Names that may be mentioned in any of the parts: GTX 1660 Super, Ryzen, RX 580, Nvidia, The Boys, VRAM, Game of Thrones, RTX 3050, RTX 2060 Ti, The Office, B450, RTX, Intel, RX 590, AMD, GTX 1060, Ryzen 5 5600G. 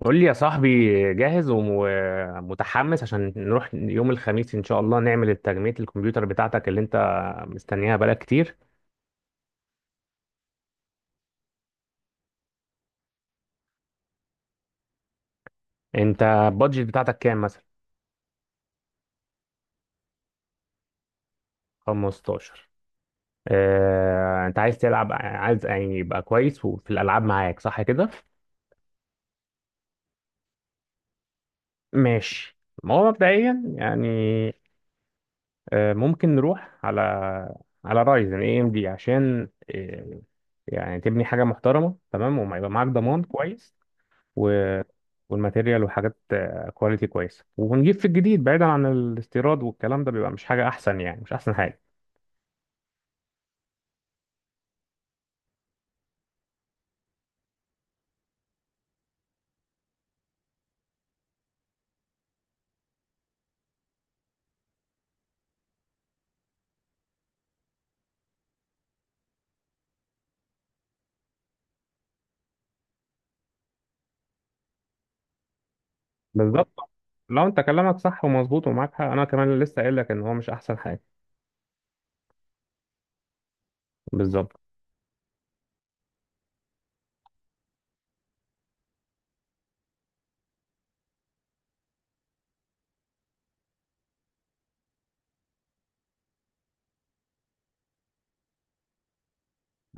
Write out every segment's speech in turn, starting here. قول لي يا صاحبي، جاهز ومتحمس عشان نروح يوم الخميس ان شاء الله نعمل التجميع الكمبيوتر بتاعتك اللي انت مستنيها بقالك كتير. انت البادجت بتاعتك كام مثلا؟ 15. اه انت عايز تلعب، عايز يعني يبقى كويس وفي الالعاب، معاك صح كده؟ ماشي. ما هو مبدئيا يعني اه ممكن نروح على رايزن اي ام دي، عشان اه يعني تبني حاجه محترمه، تمام، وما يبقى معاك ضمان كويس و... والماتيريال وحاجات كواليتي كويسه، ونجيب في الجديد بعيدا عن الاستيراد، والكلام ده بيبقى مش حاجه احسن، يعني مش احسن حاجه. بالظبط، لو انت كلامك صح ومظبوط ومعاك حق، انا كمان لسه قايل لك ان هو مش احسن حاجه. بالظبط.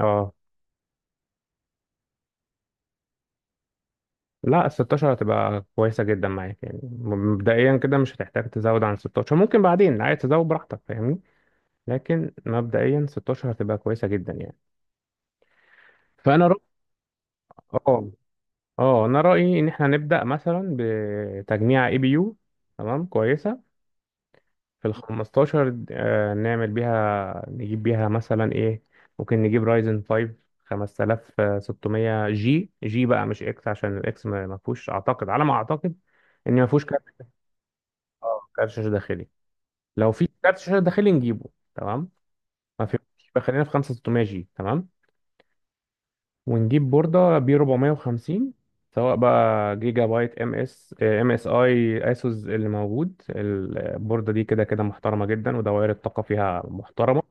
اه لا، ال 16 هتبقى كويسه جدا معاك، يعني مبدئيا كده مش هتحتاج تزود عن 16، ممكن بعدين عايز تزود براحتك، فاهمني؟ لكن مبدئيا 16 هتبقى كويسه جدا يعني. فانا رأ... اه اه انا رايي ان احنا نبدا مثلا بتجميع اي بي يو، تمام، كويسه في ال 15. نعمل بيها نجيب بيها مثلا ايه؟ ممكن نجيب رايزن 5 5600 جي. جي بقى مش اكس، عشان الاكس ما فيهوش اعتقد، على ما اعتقد ان ما فيهوش كارت. اه، كارت شاشه داخلي. لو في كارت شاشه داخلي نجيبه، تمام. ما فيهوش. يبقى خلينا في 5600 جي. تمام. ونجيب بورده بي 450، سواء بقى جيجا بايت ام اس اي اسوس اللي موجود، البورده دي كده كده محترمه جدا، ودوائر الطاقه فيها محترمه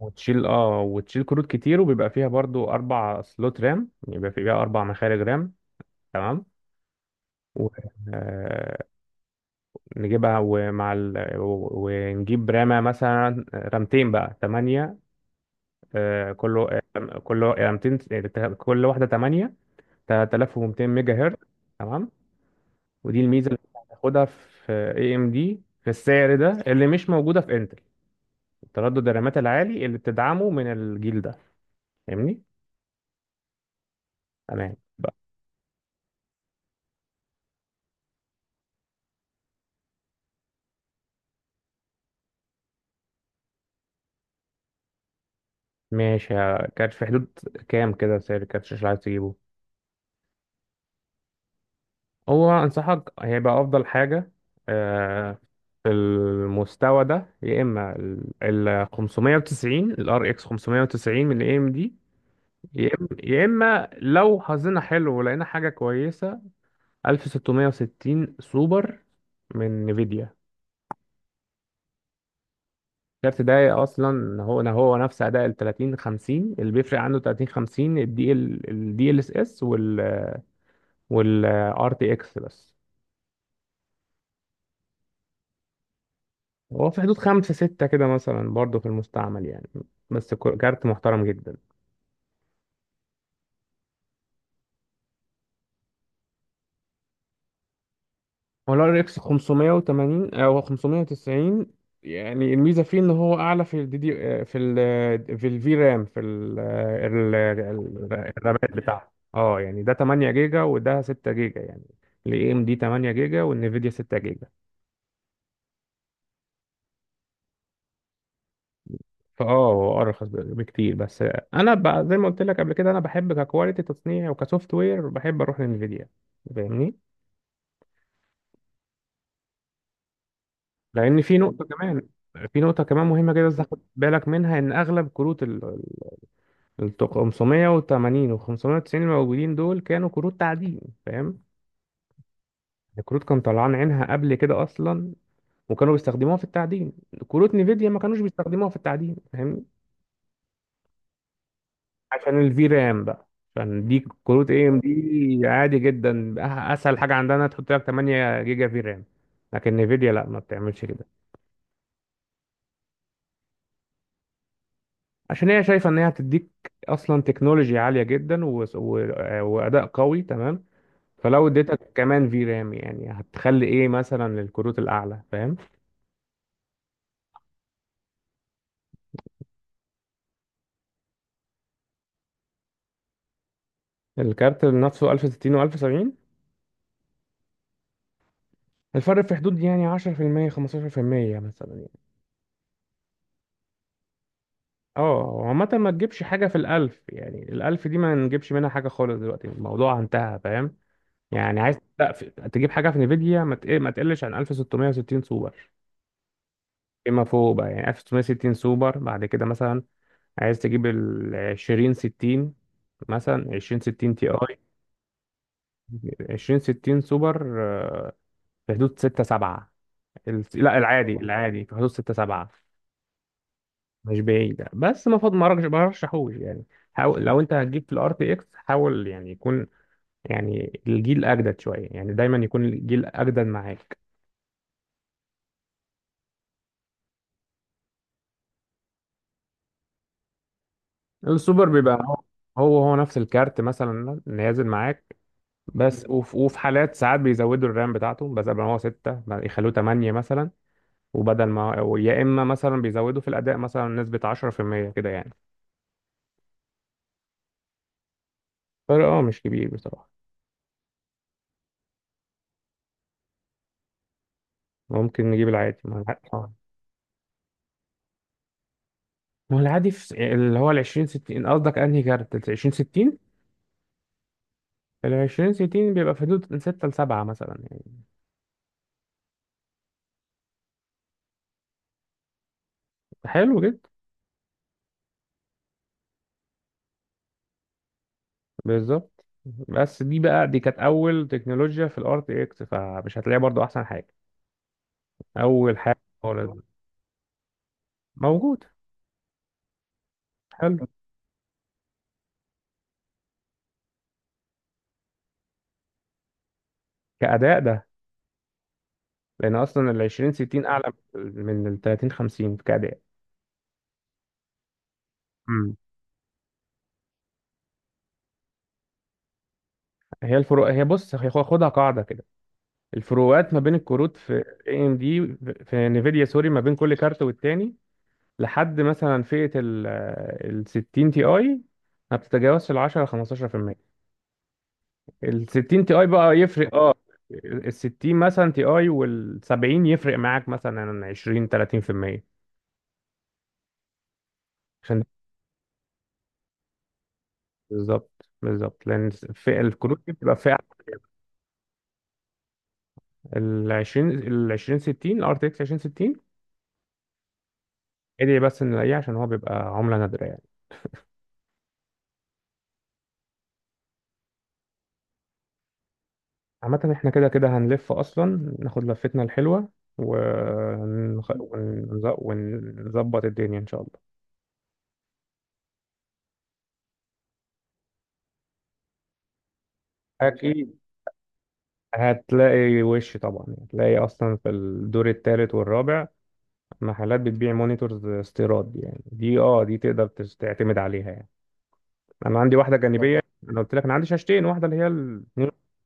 وتشيل كروت كتير، وبيبقى فيها برضو اربع سلوت رام، يبقى فيها اربع مخارج رام. تمام. و... آه... نجيبها، ونجيب رامة، مثلا رامتين بقى، تمانية. كله. كله رامتين، كل واحدة تمانية، 3200 ميجا هرتز. تمام. ودي الميزة اللي هتاخدها في اي ام دي في السعر ده اللي مش موجودة في انتل: تردد الرامات العالي اللي بتدعمه من الجيل ده. فاهمني؟ تمام. ماشي. كانت في حدود كام كده سعر الكاتش اللي عايز تجيبه؟ هو انصحك هيبقى افضل حاجة، آه، في المستوى ده، يا اما ال 590، الار اكس 590 من اي ام دي، يا اما لو حظنا حلو ولقينا حاجة كويسة، 1660 سوبر من نيفيديا. الكارت ده اصلا هو هو نفس اداء ال 30 50، اللي بيفرق عنه 30 50 الدي ال اس اس وال ار تي اكس بس. هو في حدود خمسة ستة كده مثلا، برضه في المستعمل يعني، بس كارت محترم جدا. هو الار اكس 580 او 590، يعني الميزة فيه ان هو اعلى في الدي دي، في الفي رام، في ال آه، ال- ال- الرامات بتاعته. اه، يعني ده 8 جيجا وده 6 جيجا، يعني الاي ام دي 8 جيجا والنفيديا 6 جيجا. فاه هو ارخص بكتير، بس زي ما قلت لك قبل كده، انا بحب ككواليتي تصنيع وكسوفت وير بحب اروح لانفيديا، فاهمني؟ لان في نقطه كمان، مهمه جدا لازم تاخد بالك منها: ان اغلب كروت 580 و 590 الموجودين دول كانوا كروت تعدين، فاهم؟ الكروت كان طلعان عينها قبل كده اصلا، وكانوا بيستخدموها في التعدين. كروت نيفيديا ما كانوش بيستخدموها في التعدين، فاهمني؟ عشان الفي رام بقى، عشان دي كروت اي ام دي. عادي جدا، اسهل حاجه عندنا تحط لك 8 جيجا في رام، لكن نيفيديا لا، ما بتعملش كده. عشان هي شايفه ان هي هتديك اصلا تكنولوجي عاليه جدا واداء قوي، تمام. فلو اديتك كمان في رام، يعني هتخلي ايه مثلا للكروت الاعلى؟ فاهم؟ الكارت نفسه 1060 و1070، الفرق في حدود يعني 10% 15% مثلا يعني. اه، عامة ما تجيبش حاجة في الألف، يعني الألف دي ما نجيبش منها حاجة خالص، دلوقتي الموضوع انتهى، فاهم؟ يعني عايز لا في... تجيب حاجة في نيفيديا ما تقلش عن 1660 سوبر. فيما فوق بقى يعني 1660 سوبر بعد كده، مثلا عايز تجيب ال 20 60، مثلا 20 60 تي اي، 20 60 سوبر. في حدود 6 7. لا، العادي العادي في حدود 6 7. مش بعيد، بس ما فض ما رج- ما رشحوش يعني. حاول لو انت هتجيب في الار تي اكس، حاول يعني يكون، يعني الجيل اجدد شويه يعني، دايما يكون الجيل اجدد معاك. السوبر بيبقى هو نفس الكارت مثلا نازل معاك، بس وفي حالات ساعات بيزودوا الرام بتاعته، بس قبل ما هو 6 يخلوه 8 مثلا، وبدل ما ويا اما مثلا بيزودوا في الاداء مثلا نسبة 10% كده يعني. فرق اه مش كبير بصراحة. ممكن نجيب العادي، ما هو العادي ما هو العادي اللي هو ال 20 60، قصدك انهي كارت؟ ال 20 60، ال 20 60 بيبقى في حدود من 6 ل 7 مثلا يعني. حلو جدا. بالظبط، بس دي بقى، دي كانت اول تكنولوجيا في الار تي اكس، فمش هتلاقيها برضو احسن حاجة، اول حاجة خالص. موجود. حلو. كأداء ده، لان اصلا ال 20 60 اعلى من ال 30 50 كأداء. هي الفروق، هي بص، هي خدها قاعده كده: الفروقات ما بين الكروت في اي ام دي، في نيفيديا سوري، ما بين كل كارت والتاني، لحد مثلا فئه ال 60 تي اي، ما بتتجاوزش ال 10 15%. ال 60 تي اي بقى يفرق، اه. ال 60 مثلا تي اي وال 70 يفرق معاك مثلا 20 30%، عشان. بالظبط، بالظبط، لان فئه الكروت دي بتبقى فئه ال 20 60، الار تي اكس 20 60. ادعي بس ان الاقيه، عشان هو بيبقى عمله نادره يعني. عامة احنا كده كده هنلف أصلا، ناخد لفتنا الحلوة ونظبط الدنيا إن شاء الله. أكيد هتلاقي، وش طبعا هتلاقي أصلا في الدور الثالث والرابع محلات بتبيع مونيتورز استيراد، يعني دي اه دي تقدر تعتمد عليها يعني. أنا عندي واحدة جانبية. أنا قلت لك أنا عندي شاشتين، واحدة اللي هي ال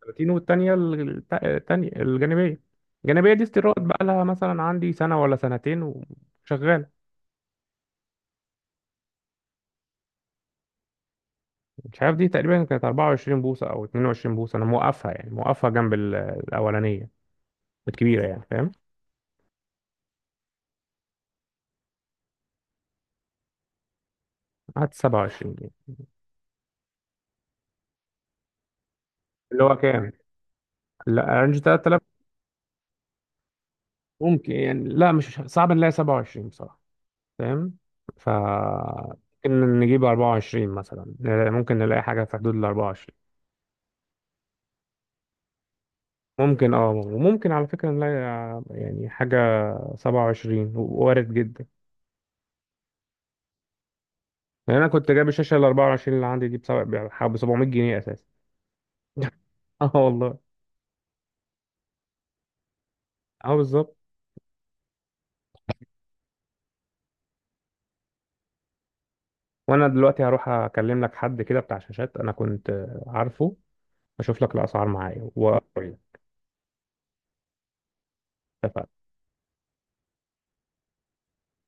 32، والتانية التانية الجانبية. الجانبية دي استيراد بقى، لها مثلا عندي سنة ولا سنتين، وشغالة. مش عارف، دي تقريبا كانت 24 بوصة أو 22 بوصة. أنا موقفها يعني موقفها جنب الأولانية الكبيرة يعني، فاهم؟ قعدت 27 دي. اللي هو كام؟ لا، رينج 3000. ممكن يعني، لا مش صعب نلاقي 27 بصراحة، فاهم؟ ف ممكن نجيب 24 مثلا، ممكن نلاقي حاجة في حدود ال 24، ممكن اه، وممكن على فكرة نلاقي يعني حاجة 27 وارد جدا يعني. أنا كنت جايب الشاشة ال 24 اللي عندي دي بحوالي 700 جنيه أساسا. اه والله. اه بالظبط. وانا دلوقتي هروح اكلم لك حد كده بتاع شاشات انا كنت عارفه، اشوف لك الاسعار معايا واقول لك. اتفقنا.